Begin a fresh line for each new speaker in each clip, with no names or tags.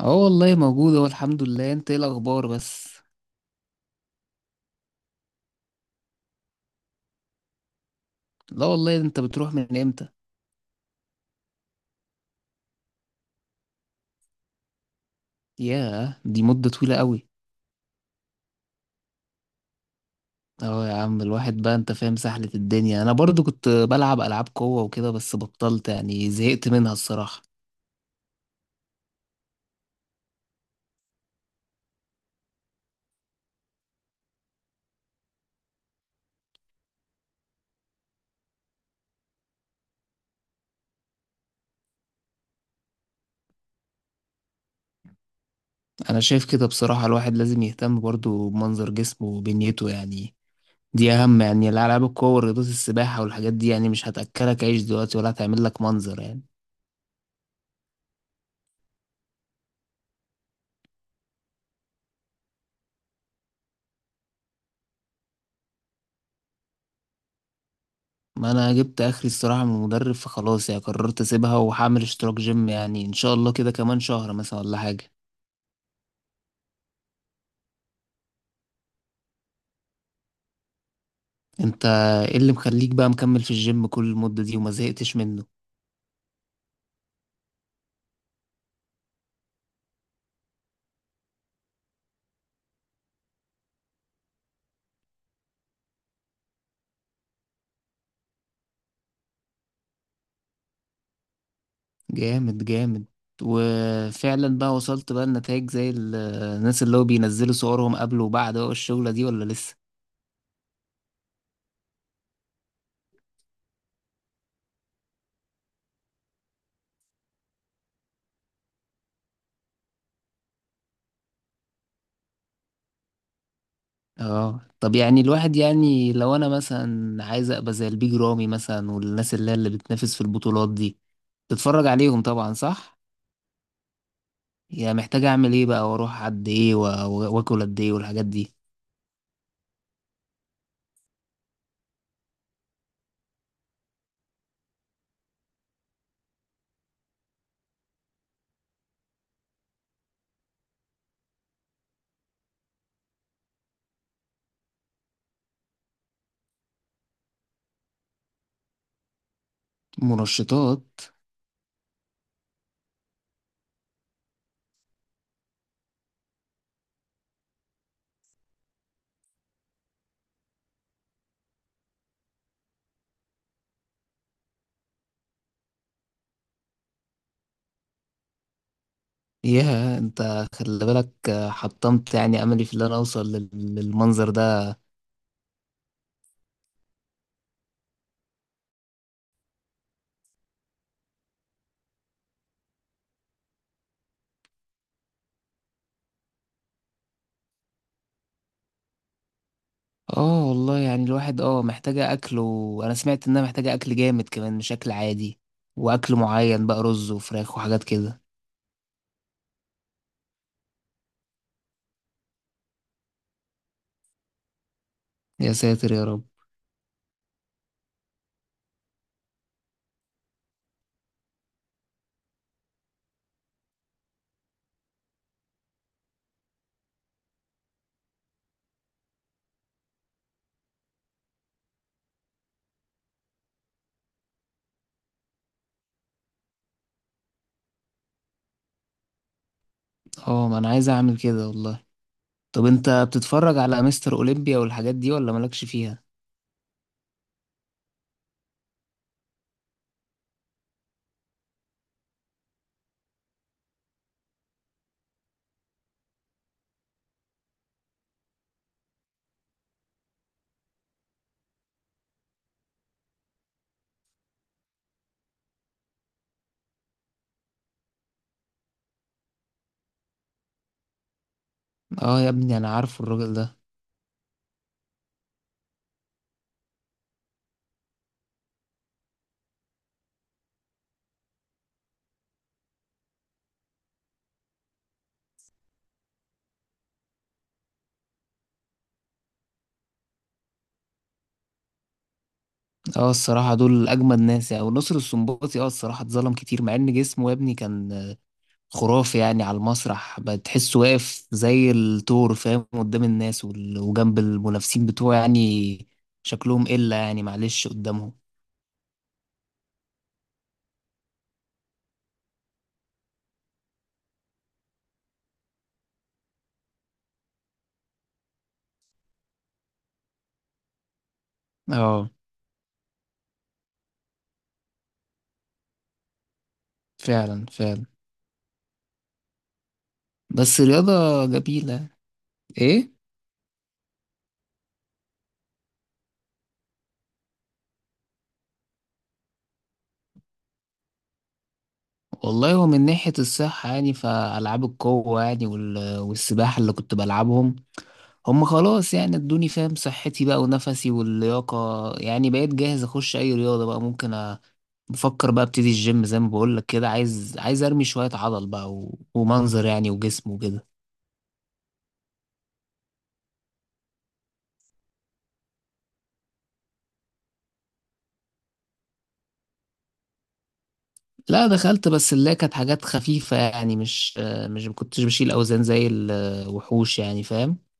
اه، والله موجود اهو، الحمد لله. انت ايه الاخبار بس؟ لا والله، انت بتروح من امتى؟ ياه، دي مدة طويلة قوي. اه يا عم، الواحد بقى، انت فاهم سحلة الدنيا. انا برضو كنت بلعب العاب قوة وكده، بس بطلت يعني، زهقت منها الصراحة. انا شايف كده بصراحة، الواحد لازم يهتم برضو بمنظر جسمه وبنيته يعني. دي اهم يعني، الالعاب القوة ورياضات السباحة والحاجات دي يعني، مش هتأكلك عيش دلوقتي، ولا هتعمل لك منظر يعني. ما انا جبت اخري الصراحه من المدرب، فخلاص يعني، قررت اسيبها وهعمل اشتراك جيم، يعني ان شاء الله كده كمان شهر مثلا ولا حاجه. انت، ايه اللي مخليك بقى مكمل في الجيم كل المده دي وما زهقتش منه؟ جامد جامد. وفعلا بقى وصلت بقى النتائج زي الناس اللي هو بينزلوا صورهم قبل وبعد بقى الشغله دي، ولا لسه؟ اه طب، يعني الواحد يعني، لو انا مثلا عايز ابقى زي البيج رامي مثلا والناس اللي هي اللي بتنافس في البطولات دي، تتفرج عليهم طبعا، صح؟ هي محتاجة أعمل إيه بقى، وأروح قد إيه وآكل قد إيه والحاجات دي؟ منشطات؟ ياه، أنت خلي بالك. حطمت يعني أملي في اللي أنا أوصل للمنظر ده. آه والله يعني، الواحد محتاجة أكل، وأنا سمعت إنها محتاجة أكل جامد كمان، مش أكل عادي. وأكل معين بقى، رز وفراخ وحاجات كده. يا ساتر يا رب. آه، ما أنا عايز أعمل كده والله. طب أنت بتتفرج على مستر أولمبيا والحاجات دي ولا مالكش فيها؟ آه يا ابني، أنا عارفه الراجل ده. اه الصراحة، دول أجمد ناس يعني. ونصر السنباطي اه الصراحة اتظلم كتير، مع إن جسمه يا ابني كان خرافي يعني. على المسرح بتحسه واقف زي الثور فاهم، قدام الناس وجنب المنافسين بتوعه يعني. شكلهم إلا يعني، معلش قدامهم. اه، فعلا فعلا. بس رياضة جميلة، ايه. والله، هو من ناحية الصحة يعني، فألعاب القوة يعني والسباحة اللي كنت بلعبهم، هم خلاص يعني ادوني فاهم صحتي بقى ونفسي واللياقة. يعني بقيت جاهز اخش اي رياضة بقى، ممكن بفكر بقى ابتدي الجيم زي ما بقولك كده، عايز ارمي شوية عضل بقى ومنظر يعني، وجسم وكده. لا دخلت، بس اللي هي كانت حاجات خفيفة يعني. مش ما كنتش بشيل اوزان زي الوحوش يعني، فاهم.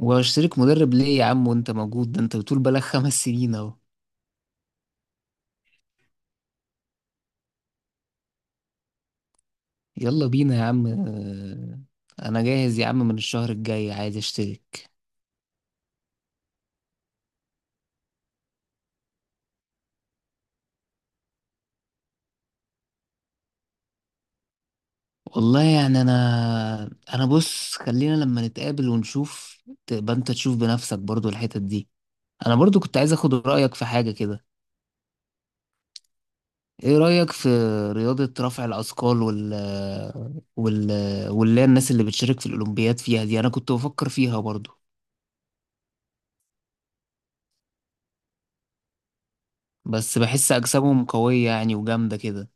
واشترك مدرب ليه يا عم وانت موجود، ده انت بتقول بقالك 5 سنين اهو. يلا بينا يا عم. انا جاهز يا عم، من الشهر الجاي عايز اشترك. والله يعني، انا بص، خلينا لما نتقابل ونشوف. تبقى انت تشوف بنفسك برضو الحتت دي. انا برضو كنت عايز اخد رأيك في حاجة كده. ايه رأيك في رياضة رفع الأثقال وال واللي هي الناس اللي بتشارك في الأولمبياد فيها دي؟ انا كنت بفكر فيها برضو. بس بحس اجسامهم قوية يعني، وجامدة كده.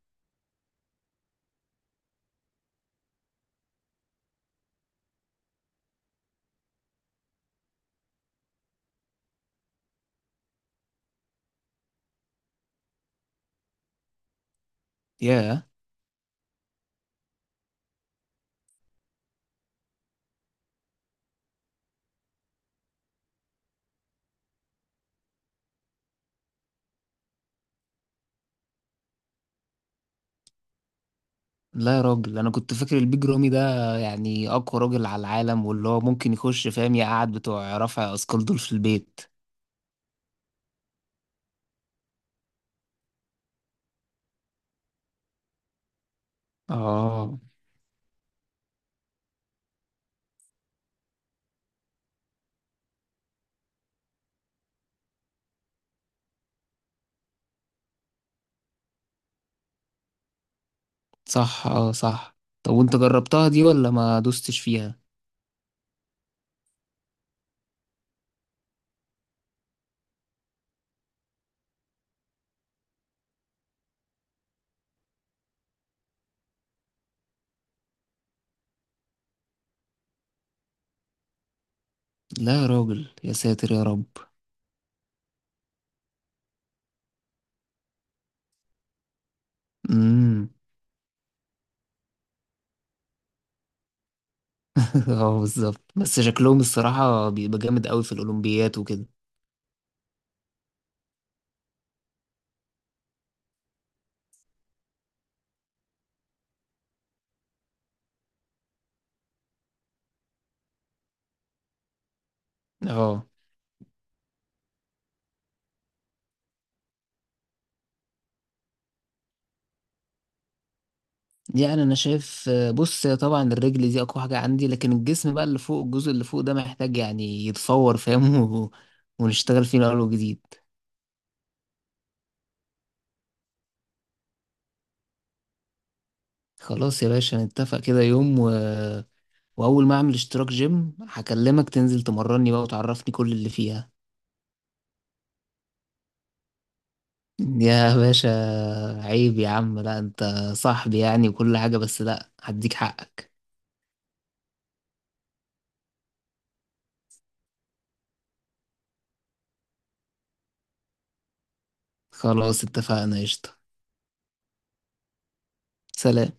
ياه. لا يا راجل، انا كنت فاكر البيج رامي ده يعني اقوى راجل على العالم، واللي هو ممكن يخش فاهم يقعد بتوع رفع اثقال دول في البيت. اه صح، اه صح. طب وانت جربتها دي ولا ما دوستش فيها؟ لا يا راجل، يا ساتر يا رب. امم. اه بالظبط، بس شكلهم الصراحة بيبقى جامد قوي في الأولمبيات وكده. اه يعني، انا شايف بص، هي طبعا الرجل دي اقوى حاجة عندي، لكن الجسم بقى اللي فوق، الجزء اللي فوق ده محتاج يعني يتفور فاهم. ونشتغل فيه من اول وجديد. خلاص يا باشا، نتفق كده يوم. واول ما اعمل اشتراك جيم هكلمك تنزل تمرني بقى، وتعرفني كل اللي فيها. يا باشا، عيب يا عم، لا انت صاحبي يعني وكل حاجة، بس لا، هديك حقك. خلاص اتفقنا، قشطة. سلام.